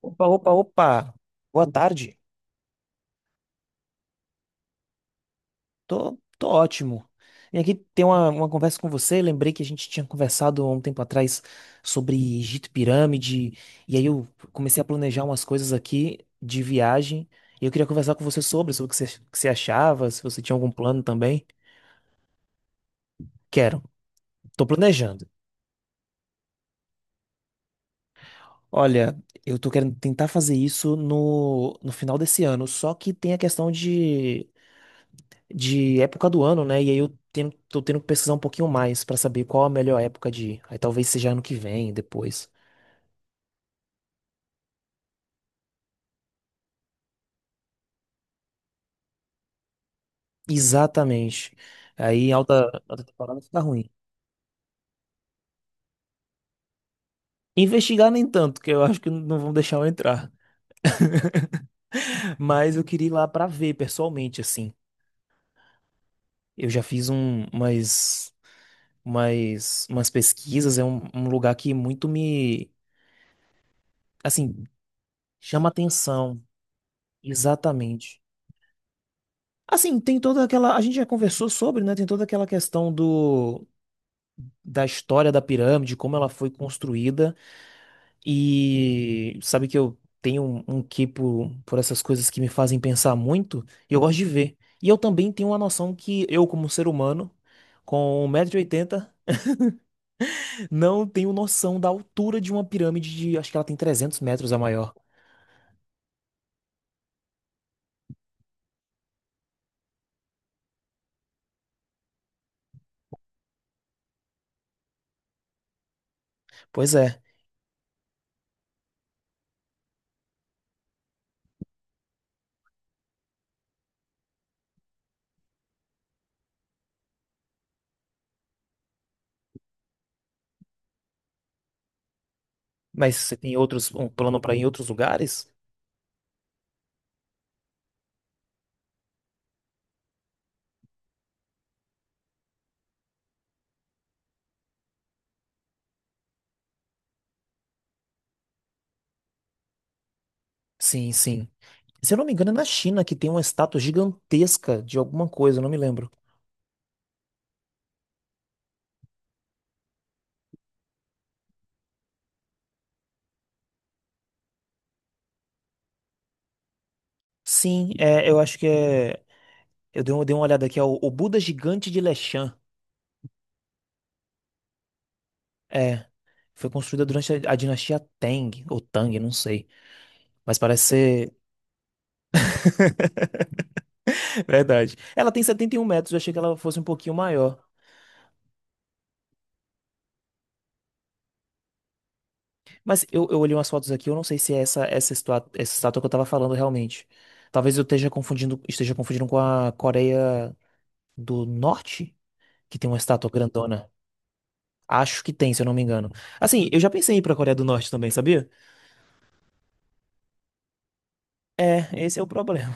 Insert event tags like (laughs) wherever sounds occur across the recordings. Opa, opa, opa. Boa tarde. Tô ótimo. E aqui tem uma conversa com você. Lembrei que a gente tinha conversado há um tempo atrás sobre Egito e Pirâmide. E aí eu comecei a planejar umas coisas aqui de viagem. E eu queria conversar com você sobre o que você achava, se você tinha algum plano também. Quero. Tô planejando. Olha, eu tô querendo tentar fazer isso no final desse ano. Só que tem a questão de época do ano, né? E aí tô tendo que pesquisar um pouquinho mais pra saber qual a melhor época de ir. Aí talvez seja ano que vem, depois. Exatamente. Aí em alta temporada fica ruim. Investigar nem tanto, que eu acho que não vão deixar eu entrar. Mas eu queria ir lá pra ver pessoalmente, assim. Eu já fiz um, umas, umas, umas pesquisas, é um lugar que muito me, assim, chama atenção. Exatamente. Assim, tem toda aquela. A gente já conversou sobre, né? Tem toda aquela questão do da história da pirâmide, como ela foi construída. E sabe que eu tenho um quê por essas coisas que me fazem pensar muito, e eu gosto de ver. E eu também tenho uma noção que eu, como ser humano, com um metro e oitenta não tenho noção da altura de uma pirâmide de, acho que ela tem 300 metros a maior. Pois é, mas você tem outros, um plano para ir em outros lugares? Sim, sim. Se eu não me engano, é na China que tem uma estátua gigantesca de alguma coisa, eu não me lembro. Sim, é, eu acho que é. Dei uma olhada aqui, é o Buda Gigante de Leshan. É, foi construída durante a dinastia Tang, ou Tang, não sei. Mas parece ser. (laughs) Verdade. Ela tem 71 metros, eu achei que ela fosse um pouquinho maior. Mas eu olhei umas fotos aqui, eu não sei se é essa estátua que eu tava falando realmente. Talvez eu esteja confundindo com a Coreia do Norte, que tem uma estátua grandona. Acho que tem, se eu não me engano. Assim, eu já pensei em ir pra Coreia do Norte também, sabia? É, esse é o problema.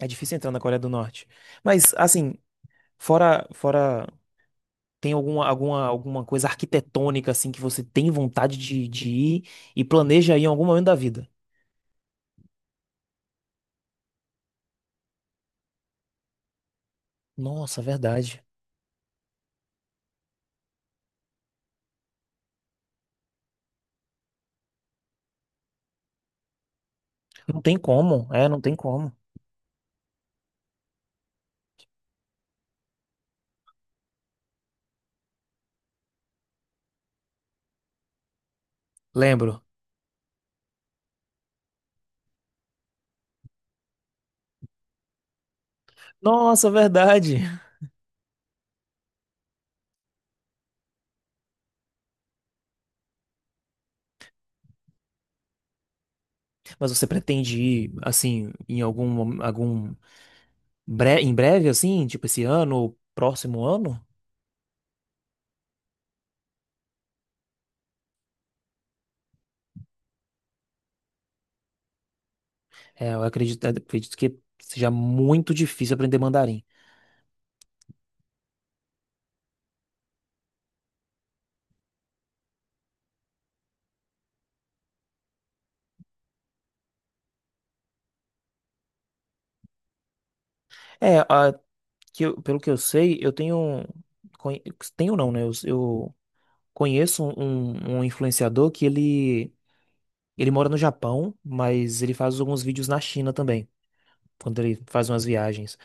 É difícil entrar na Coreia do Norte. Mas, assim, Fora, fora, tem alguma coisa arquitetônica assim que você tem vontade de ir e planeja ir em algum momento da vida? Nossa, verdade. Não tem como, é, não tem como. Lembro. Nossa, verdade. Mas você pretende ir assim em algum breve assim, tipo esse ano ou próximo ano? É, eu acredito, acredito que seja muito difícil aprender mandarim. É, a, pelo que eu sei, eu tenho conhe- tenho não, né? Eu Conheço um influenciador que ele mora no Japão, mas ele faz alguns vídeos na China também, quando ele faz umas viagens.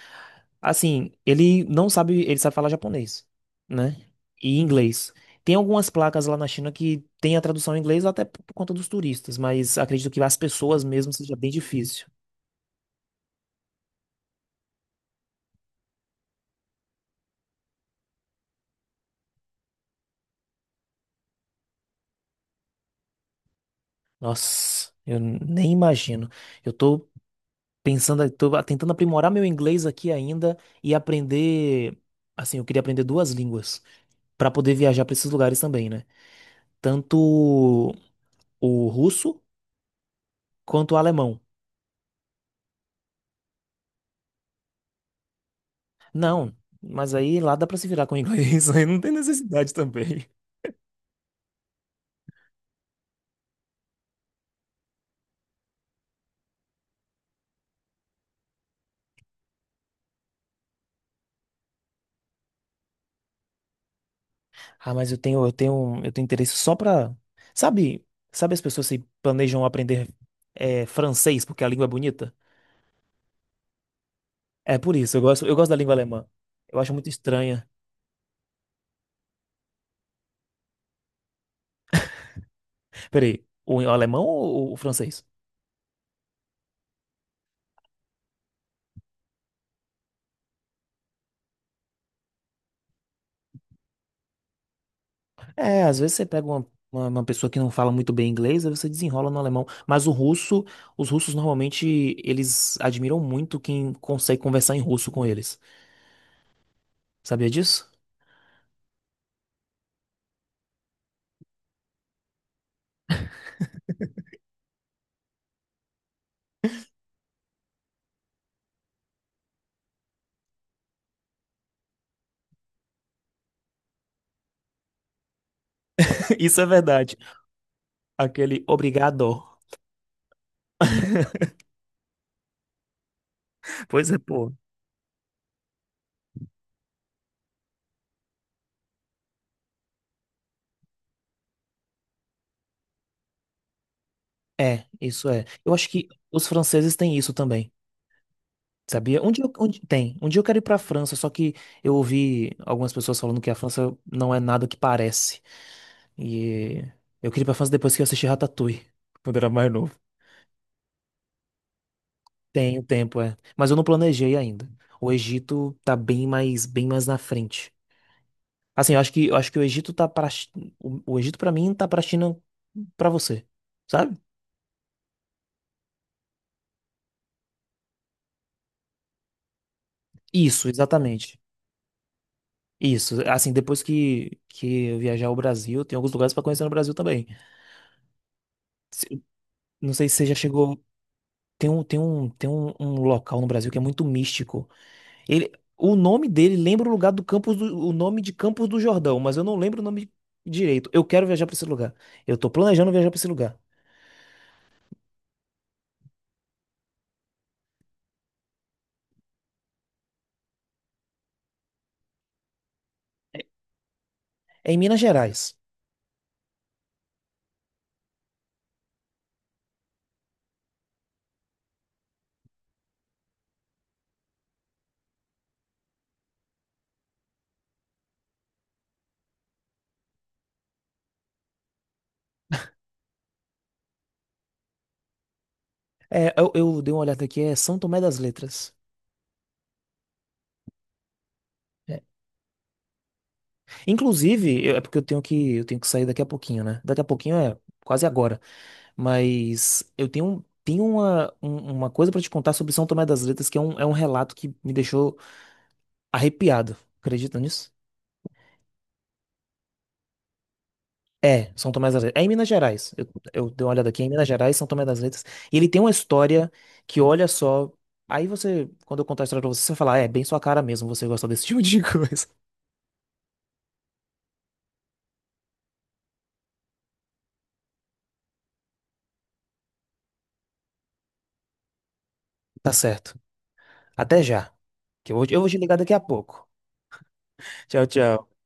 Assim, ele não sabe, ele sabe falar japonês, né? E inglês. Tem algumas placas lá na China que tem a tradução em inglês até por conta dos turistas, mas acredito que as pessoas mesmo seja bem difícil. Nossa, eu nem imagino. Eu tô pensando, tô tentando aprimorar meu inglês aqui ainda e aprender, assim, eu queria aprender duas línguas para poder viajar para esses lugares também, né? Tanto o russo quanto o alemão. Não, mas aí lá dá para se virar com o inglês, (laughs) aí não tem necessidade também. Ah, mas eu tenho interesse só pra. Sabe, sabe as pessoas se planejam aprender é, francês porque a língua é bonita? É por isso, eu gosto da língua alemã. Eu acho muito estranha. Peraí, o alemão ou o francês? É, às vezes você pega uma pessoa que não fala muito bem inglês, aí você desenrola no alemão. Mas o russo, os russos normalmente, eles admiram muito quem consegue conversar em russo com eles. Sabia disso? (laughs) Isso é verdade. Aquele obrigado. (laughs) Pois é, pô. É, isso é. Eu acho que os franceses têm isso também. Sabia? Um dia, eu- um di- tem. Um dia eu quero ir pra França, só que eu ouvi algumas pessoas falando que a França não é nada que parece. E eu queria ir pra França depois que eu assisti Ratatouille, quando eu era mais novo. Tenho tempo, é. Mas eu não planejei ainda. O Egito tá bem mais na frente. Assim, eu acho que o Egito para mim tá para China para você, sabe? Isso, exatamente. Isso. Assim, depois que eu viajar ao Brasil, tem alguns lugares para conhecer no Brasil também. Se- Não sei se você já chegou. Um local no Brasil que é muito místico. Ele, o nome dele lembra o lugar do o nome de Campos do Jordão, mas eu não lembro o nome direito. Eu quero viajar para esse lugar. Eu tô planejando viajar para esse lugar. É em Minas Gerais. É, eu dei uma olhada aqui, é São Tomé das Letras. É. Inclusive, é porque eu tenho que sair daqui a pouquinho, né? Daqui a pouquinho é quase agora. Mas eu tenho, um- tenho uma, um- uma coisa para te contar sobre São Tomé das Letras, que é é um relato que me deixou arrepiado. Acredita nisso? É, São Tomé das Letras. É em Minas Gerais. Eu dei uma olhada aqui, é em Minas Gerais, São Tomé das Letras. E ele tem uma história que, olha só. Aí você, quando eu contar a história pra você, você vai falar, "Ah, é, bem sua cara mesmo, você gosta desse (laughs) tipo de coisa. Tá certo. Até já. Eu vou te ligar daqui a pouco. (laughs) Tchau, tchau.